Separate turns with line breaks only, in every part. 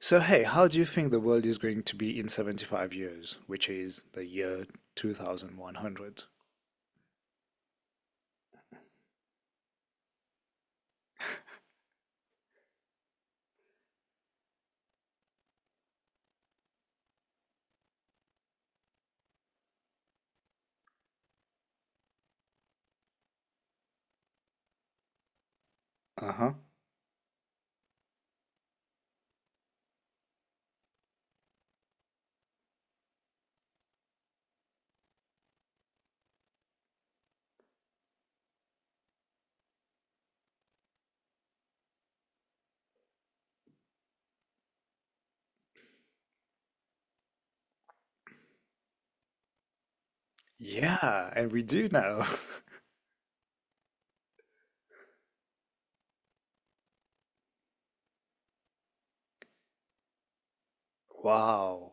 So, hey, how do you think the world is going to be in 75 years, which is the year 2100? Uh-huh. Yeah, and we do know. Wow.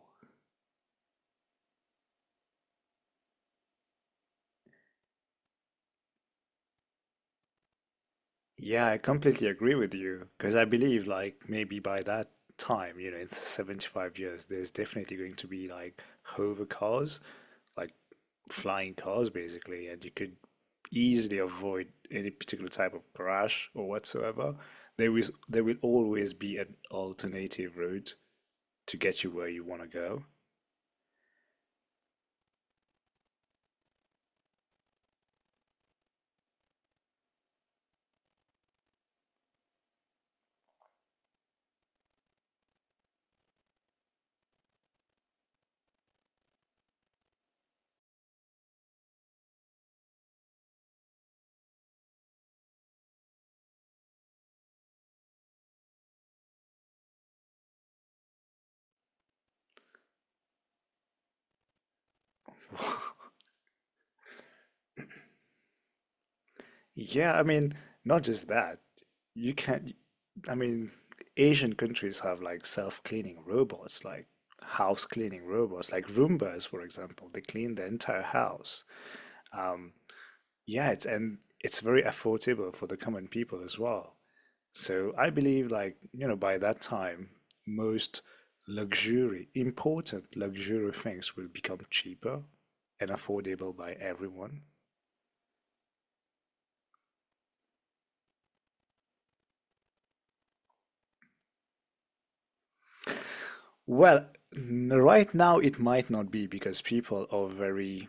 Yeah, I completely agree with you because I believe, like, maybe by that time, you know, in 75 years, there's definitely going to be like hover cars, like flying cars basically, and you could easily avoid any particular type of crash or whatsoever. There will always be an alternative route to get you where you want to go. Yeah, I mean, not just that. You can, not I mean, Asian countries have like self-cleaning robots, like house cleaning robots, like Roombas, for example. They clean the entire house. Um, yeah, it's, and it's very affordable for the common people as well. So I believe, like, you know, by that time, most luxury, important luxury things will become cheaper and affordable by everyone. Well, right now it might not be because people are very,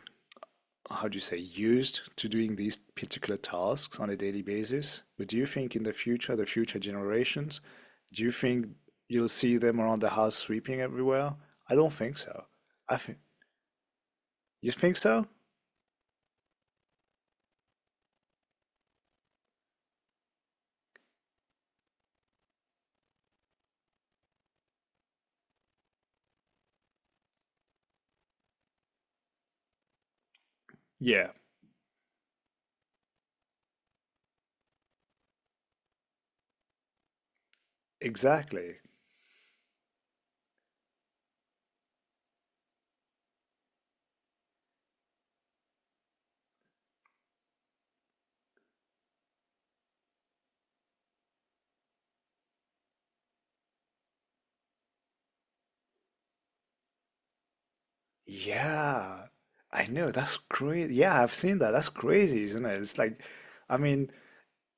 how do you say, used to doing these particular tasks on a daily basis. But do you think in the future generations, do you think you'll see them around the house sweeping everywhere? I don't think so. I think you think so? Yeah, exactly. Yeah, I know, that's crazy. Yeah, I've seen that. That's crazy, isn't it? It's like, I mean,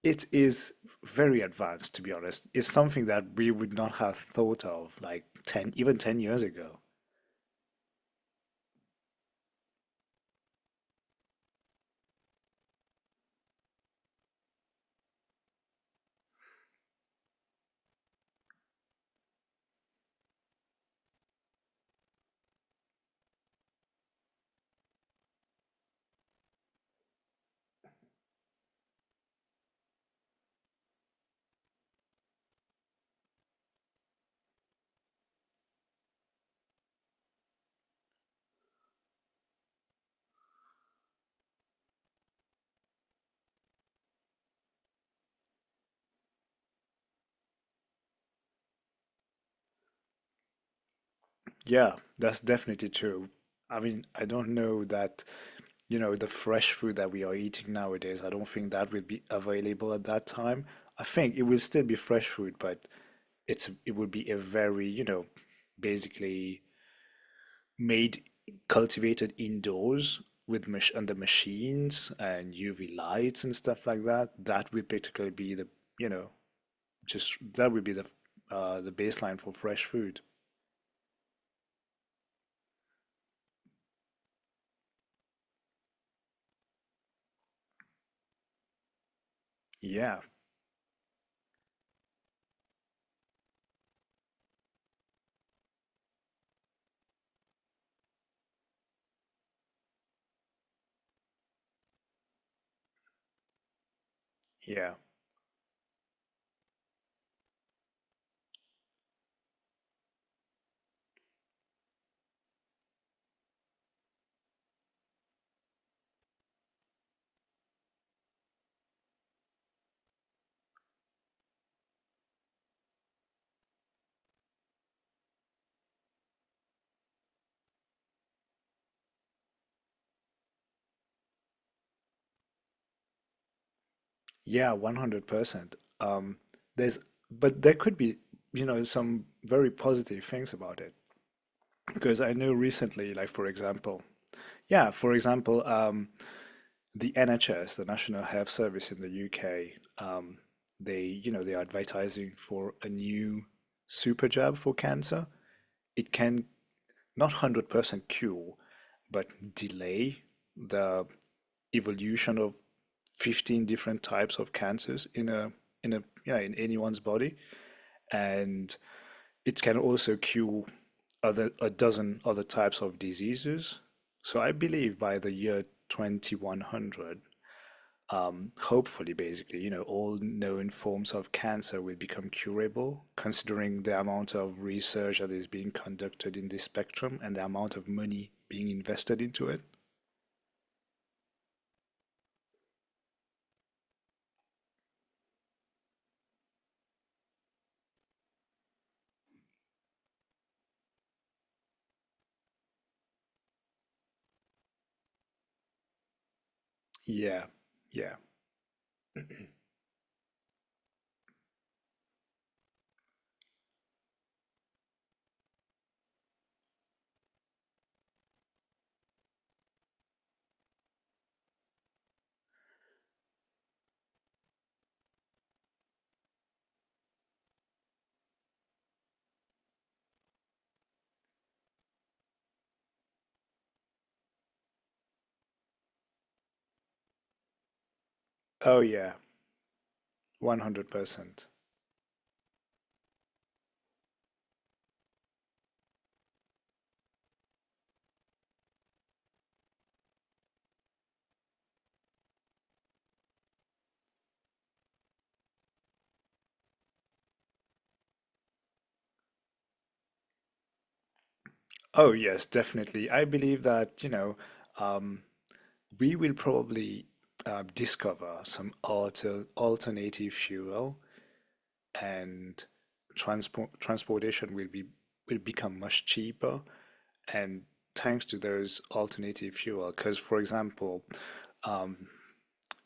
it is very advanced, to be honest. It's something that we would not have thought of like 10, even 10 years ago. Yeah, that's definitely true. I mean, I don't know that, you know, the fresh food that we are eating nowadays, I don't think that would be available at that time. I think it will still be fresh food, but it would be a very, you know, basically made cultivated indoors with mach under machines and UV lights and stuff like that, that would particularly be the, you know, just that would be the baseline for fresh food. Yeah, yeah, yeah, 100%. Um, there's, but there could be, you know, some very positive things about it because I know recently, like, for example, yeah, for example, the NHS, the National Health Service in the UK, um, they, you know, they are advertising for a new super jab for cancer. It can not 100% cure, but delay the evolution of 15 different types of cancers in a in a in anyone's body, and it can also cure other a dozen other types of diseases. So I believe by the year 2100, hopefully, basically, you know, all known forms of cancer will become curable, considering the amount of research that is being conducted in this spectrum and the amount of money being invested into it. Yeah, yeah. Oh, yeah, 100%. Oh, yes, definitely. I believe that, you know, um, we will probably discover some alternative fuel, and transportation will be, will become much cheaper, and thanks to those alternative fuel. Because, for example,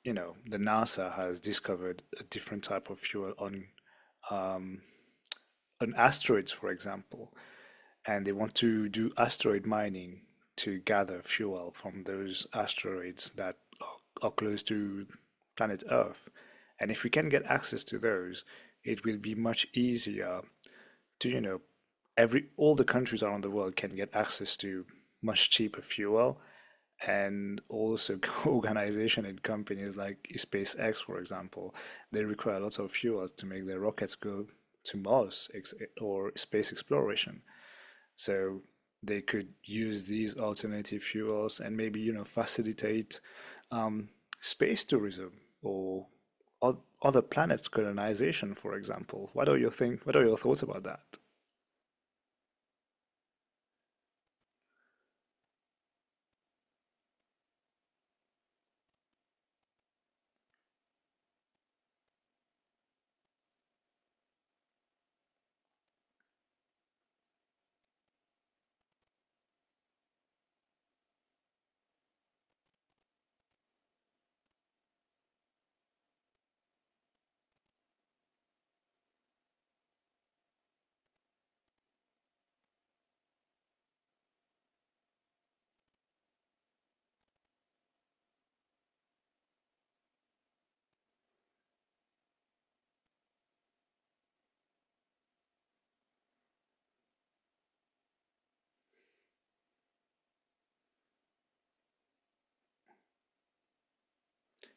you know, the NASA has discovered a different type of fuel on asteroids, for example, and they want to do asteroid mining to gather fuel from those asteroids that are close to planet Earth, and if we can get access to those, it will be much easier. Do you know, every, all the countries around the world can get access to much cheaper fuel. And also organization and companies like SpaceX, for example, they require lots of fuel to make their rockets go to Mars or space exploration. So they could use these alternative fuels and maybe, you know, facilitate um, space tourism or other planets colonization, for example. What are your think? What are your thoughts about that?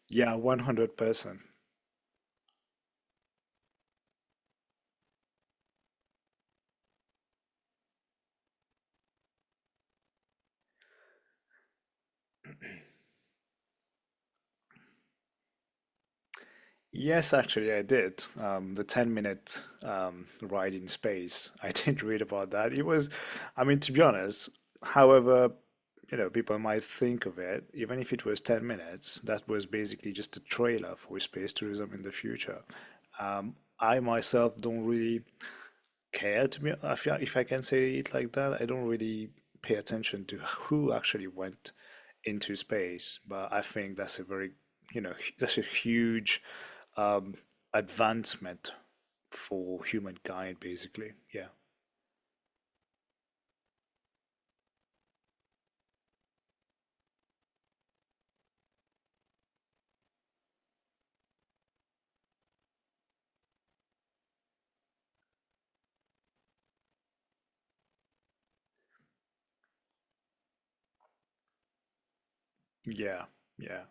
Yeah, 100%. Yes, actually, I did. The 10 minute ride in space. I did read about that. It was, I mean, to be honest, however, you know, people might think of it, even if it was 10 minutes, that was basically just a trailer for space tourism in the future. I myself don't really care, to be, if I can say it like that. I don't really pay attention to who actually went into space, but I think that's a very, you know, that's a huge um, advancement for humankind, basically. Yeah, yeah, yeah.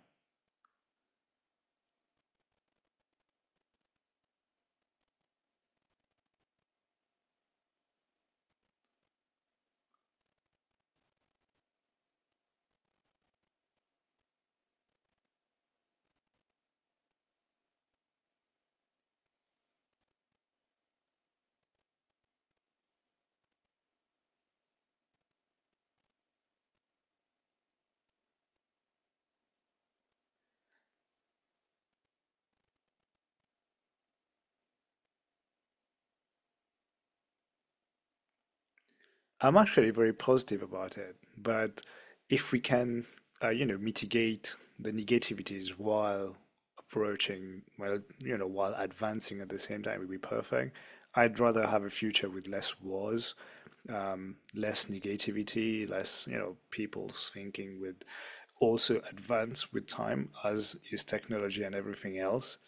I'm actually very positive about it, but if we can, you know, mitigate the negativities while approaching, well, you know, while advancing at the same time, it would be perfect. I'd rather have a future with less wars, less negativity, less, you know, people's thinking would also advance with time, as is technology and everything else.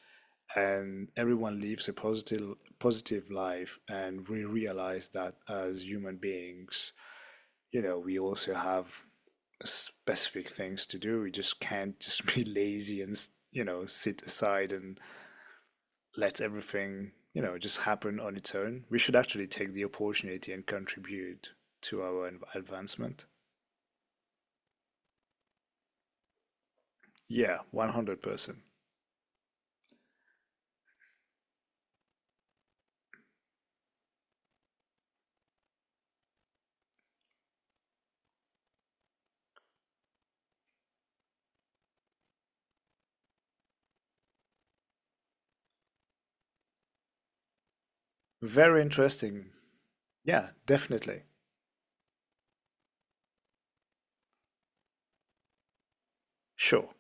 And everyone lives a positive positive life, and we realize that as human beings, you know, we also have specific things to do. We just can't just be lazy and, you know, sit aside and let everything, you know, just happen on its own. We should actually take the opportunity and contribute to our advancement. Yeah, 100%. Very interesting. Yeah, definitely. Sure.